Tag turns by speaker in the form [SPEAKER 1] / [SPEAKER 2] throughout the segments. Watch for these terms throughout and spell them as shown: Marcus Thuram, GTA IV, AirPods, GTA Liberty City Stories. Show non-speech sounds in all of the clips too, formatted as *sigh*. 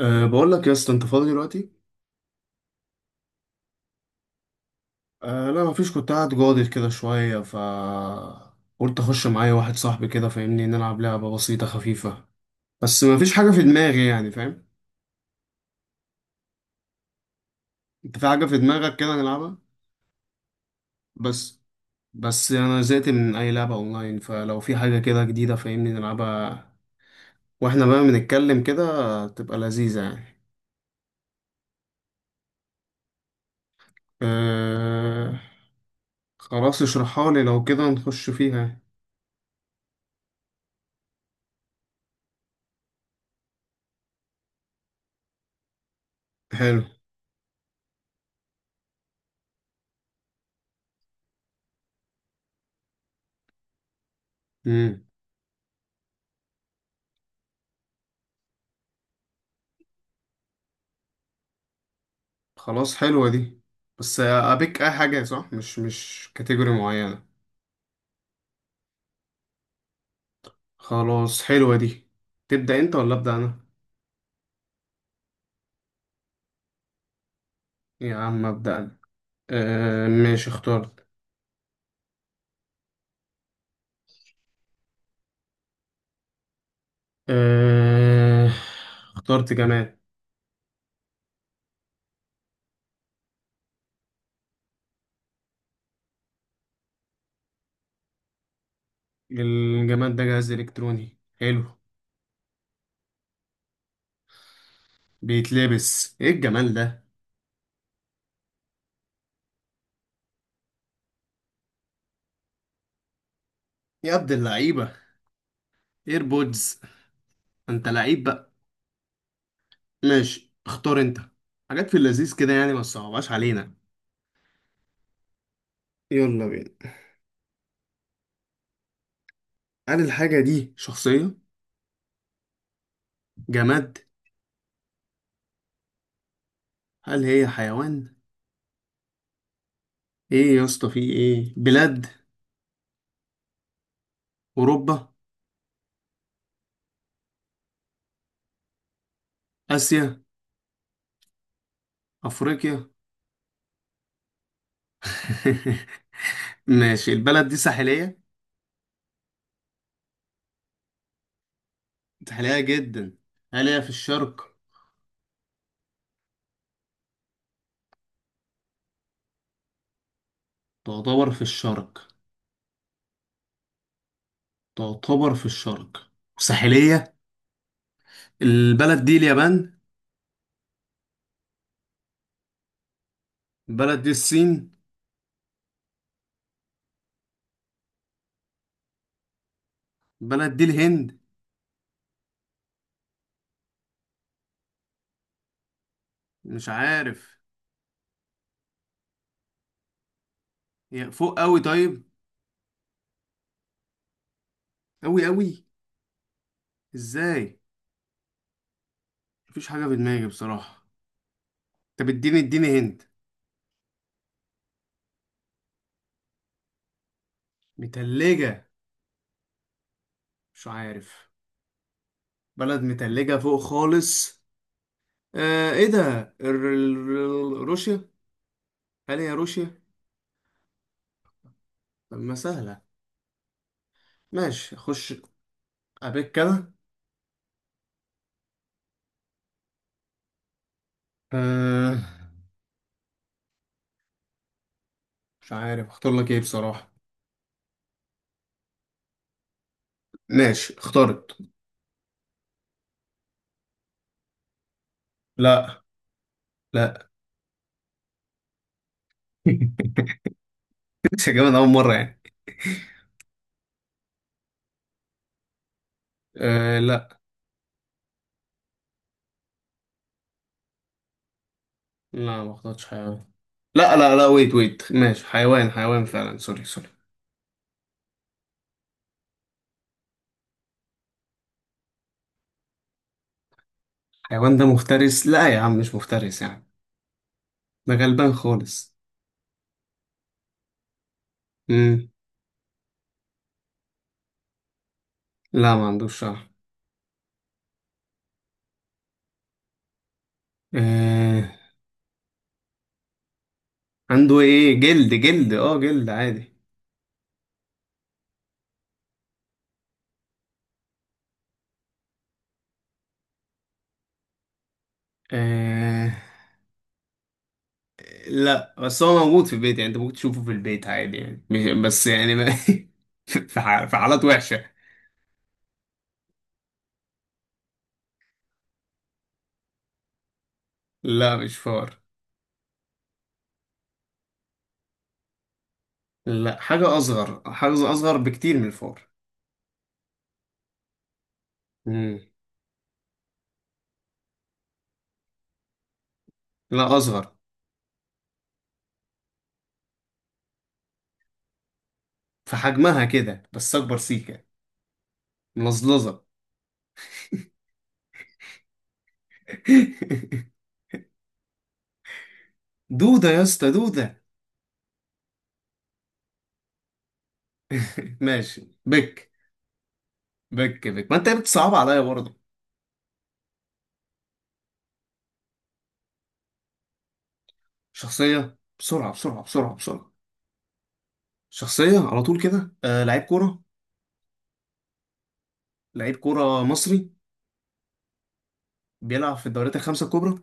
[SPEAKER 1] أه، بقول لك يا اسطى، انت فاضي دلوقتي؟ أه لا، مفيش، كنت قاعد جاضي كده شويه، ف قلت اخش معايا واحد صاحبي كده، فاهمني، نلعب لعبه بسيطه خفيفه، بس مفيش حاجه في دماغي، يعني فاهم. انت في حاجه في دماغك كده نلعبها؟ بس بس انا زهقت من اي لعبه اونلاين، فلو في حاجه كده جديده فاهمني نلعبها، واحنا بقى بنتكلم كده، تبقى لذيذه يعني. أه. خلاص اشرحها لي، لو كده نخش فيها. حلو. مم. خلاص حلوة دي، بس أبيك أي حاجة، صح؟ مش كاتيجوري معينة. خلاص حلوة دي. تبدأ أنت ولا أبدأ أنا؟ يا عم أبدأ أنا. آه ماشي، اخترت. آه، اخترت جماد. الجماد ده جهاز إلكتروني، حلو. بيتلبس إيه الجمال ده؟ يا عبد اللعيبة، إيربودز. أنت لعيب بقى. ماشي، اختار أنت. حاجات في اللذيذ كده يعني، ما تصعبهاش علينا. يلا بينا. هل الحاجة دي شخصية؟ جماد؟ هل هي حيوان؟ ايه يا اسطى في ايه؟ بلاد. اوروبا. اسيا. افريقيا. *laughs* ماشي، البلد دي ساحلية؟ ساحلية جدا. هل هي في الشرق؟ تعتبر في الشرق. تعتبر في الشرق. ساحلية. البلد دي اليابان. البلد دي الصين. البلد دي الهند. مش عارف. هي فوق قوي طيب؟ قوي قوي. ازاي؟ مفيش حاجة في دماغي بصراحة. طب اديني اديني هند. متلجة؟ مش عارف. بلد متلجة فوق خالص. آه، ايه ده، روسيا. هل هي روسيا؟ طب ما سهلة. ماشي اخش. ابيك كده. آه، مش عارف اختار لك ايه بصراحة. ماشي اخترت. لا. لا. *laughs* مش هجيبها من اول مرة يعني. آه لا. لا ما اخترتش حيوان. لا لا لا، ويت ويت، ماشي حيوان حيوان فعلا، سوري سوري. حيوان ده مفترس؟ لا يا عم، مش مفترس يعني، ده غلبان خالص. مم. لا ما عندوش شعر. آه، عنده ايه؟ جلد جلد، اه جلد عادي. آه لا، بس هو موجود في البيت، يعني انت ممكن تشوفه في البيت عادي يعني، مش بس يعني ما *laughs* في في حالات وحشة. لا مش فار. لا حاجة أصغر، حاجة أصغر بكتير من الفار. مم. لا أصغر. في حجمها كده بس أكبر سيكة، ملظلظة. *laughs* دودة يا اسطى، دودة. *laughs* ماشي بك. بك بك، ما أنت بتصعب عليا برضه. شخصية بسرعة بسرعة بسرعة بسرعة. شخصية. على طول كده، آه لعيب كورة. لعيب كورة مصري. بيلعب في الدوريات الخمسة الكبرى.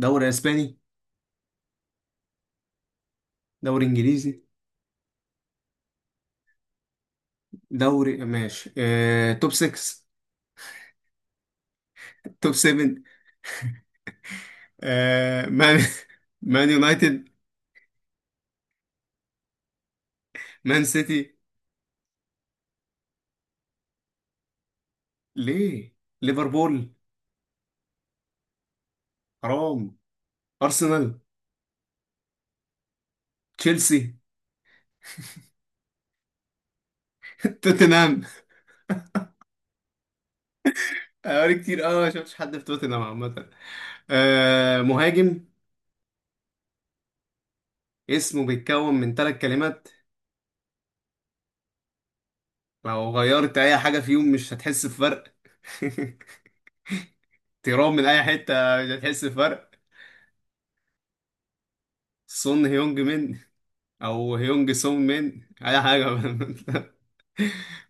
[SPEAKER 1] دوري اسباني. دوري انجليزي. دوري ماشي، آه توب 6. توب 7. آه مان. *laughs* مان يونايتد. مان سيتي. ليه. ليفربول. حرام. ارسنال. تشيلسي. توتنهام. اوري كتير، اه ما شفتش حد في توتنهام عامة. آه مهاجم. اسمه بيتكون من ثلاث كلمات. لو غيرت اي حاجة فيهم مش هتحس بفرق. *laughs* تيرام من اي حته، مش هتحس بفرق. سون هيونج من، او هيونج سون من اي حاجه. *laughs*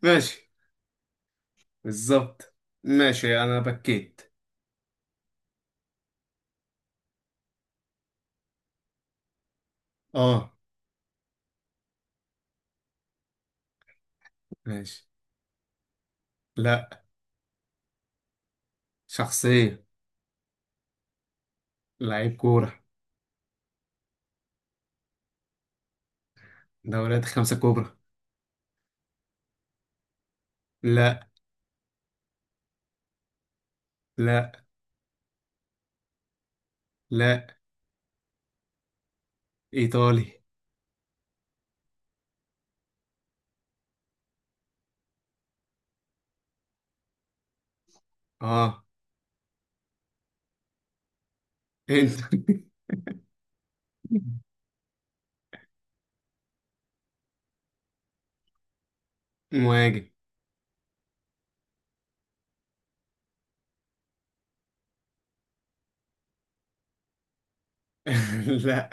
[SPEAKER 1] ماشي، بالظبط. ماشي انا بكيت. اه. ماشي. لا. شخصيه. لعيب كوره. دوريات خمسه كبرى. لا. لا. لا. ايطالي. اه. انت. *laughs* مهاجم. *laughs* لا.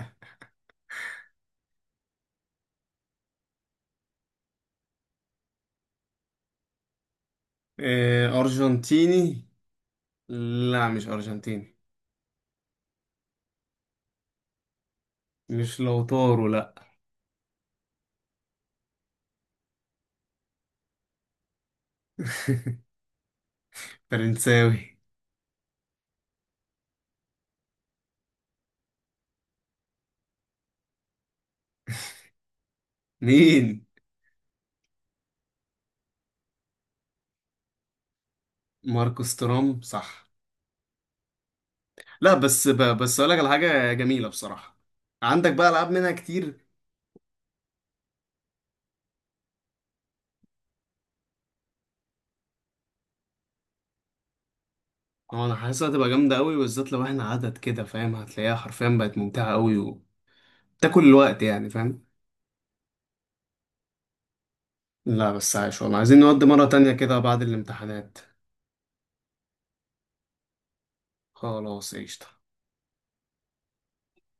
[SPEAKER 1] آه، ارجنتيني. لا مش ارجنتيني. مش لوتارو لا. *laughs* فرنساوي. مين؟ ماركوس تورام صح. لا بس بس اقول لك على حاجه جميله بصراحه، عندك بقى العاب منها كتير. اه انا حاسسها هتبقى جامده قوي، بالذات لو احنا عدد كده فاهم، هتلاقيها حرفيا بقت ممتعه قوي، وتاكل الوقت يعني فاهم. لا بس عايش والله، عايزين نودي مره تانية كده بعد الامتحانات. خلاص قشطه.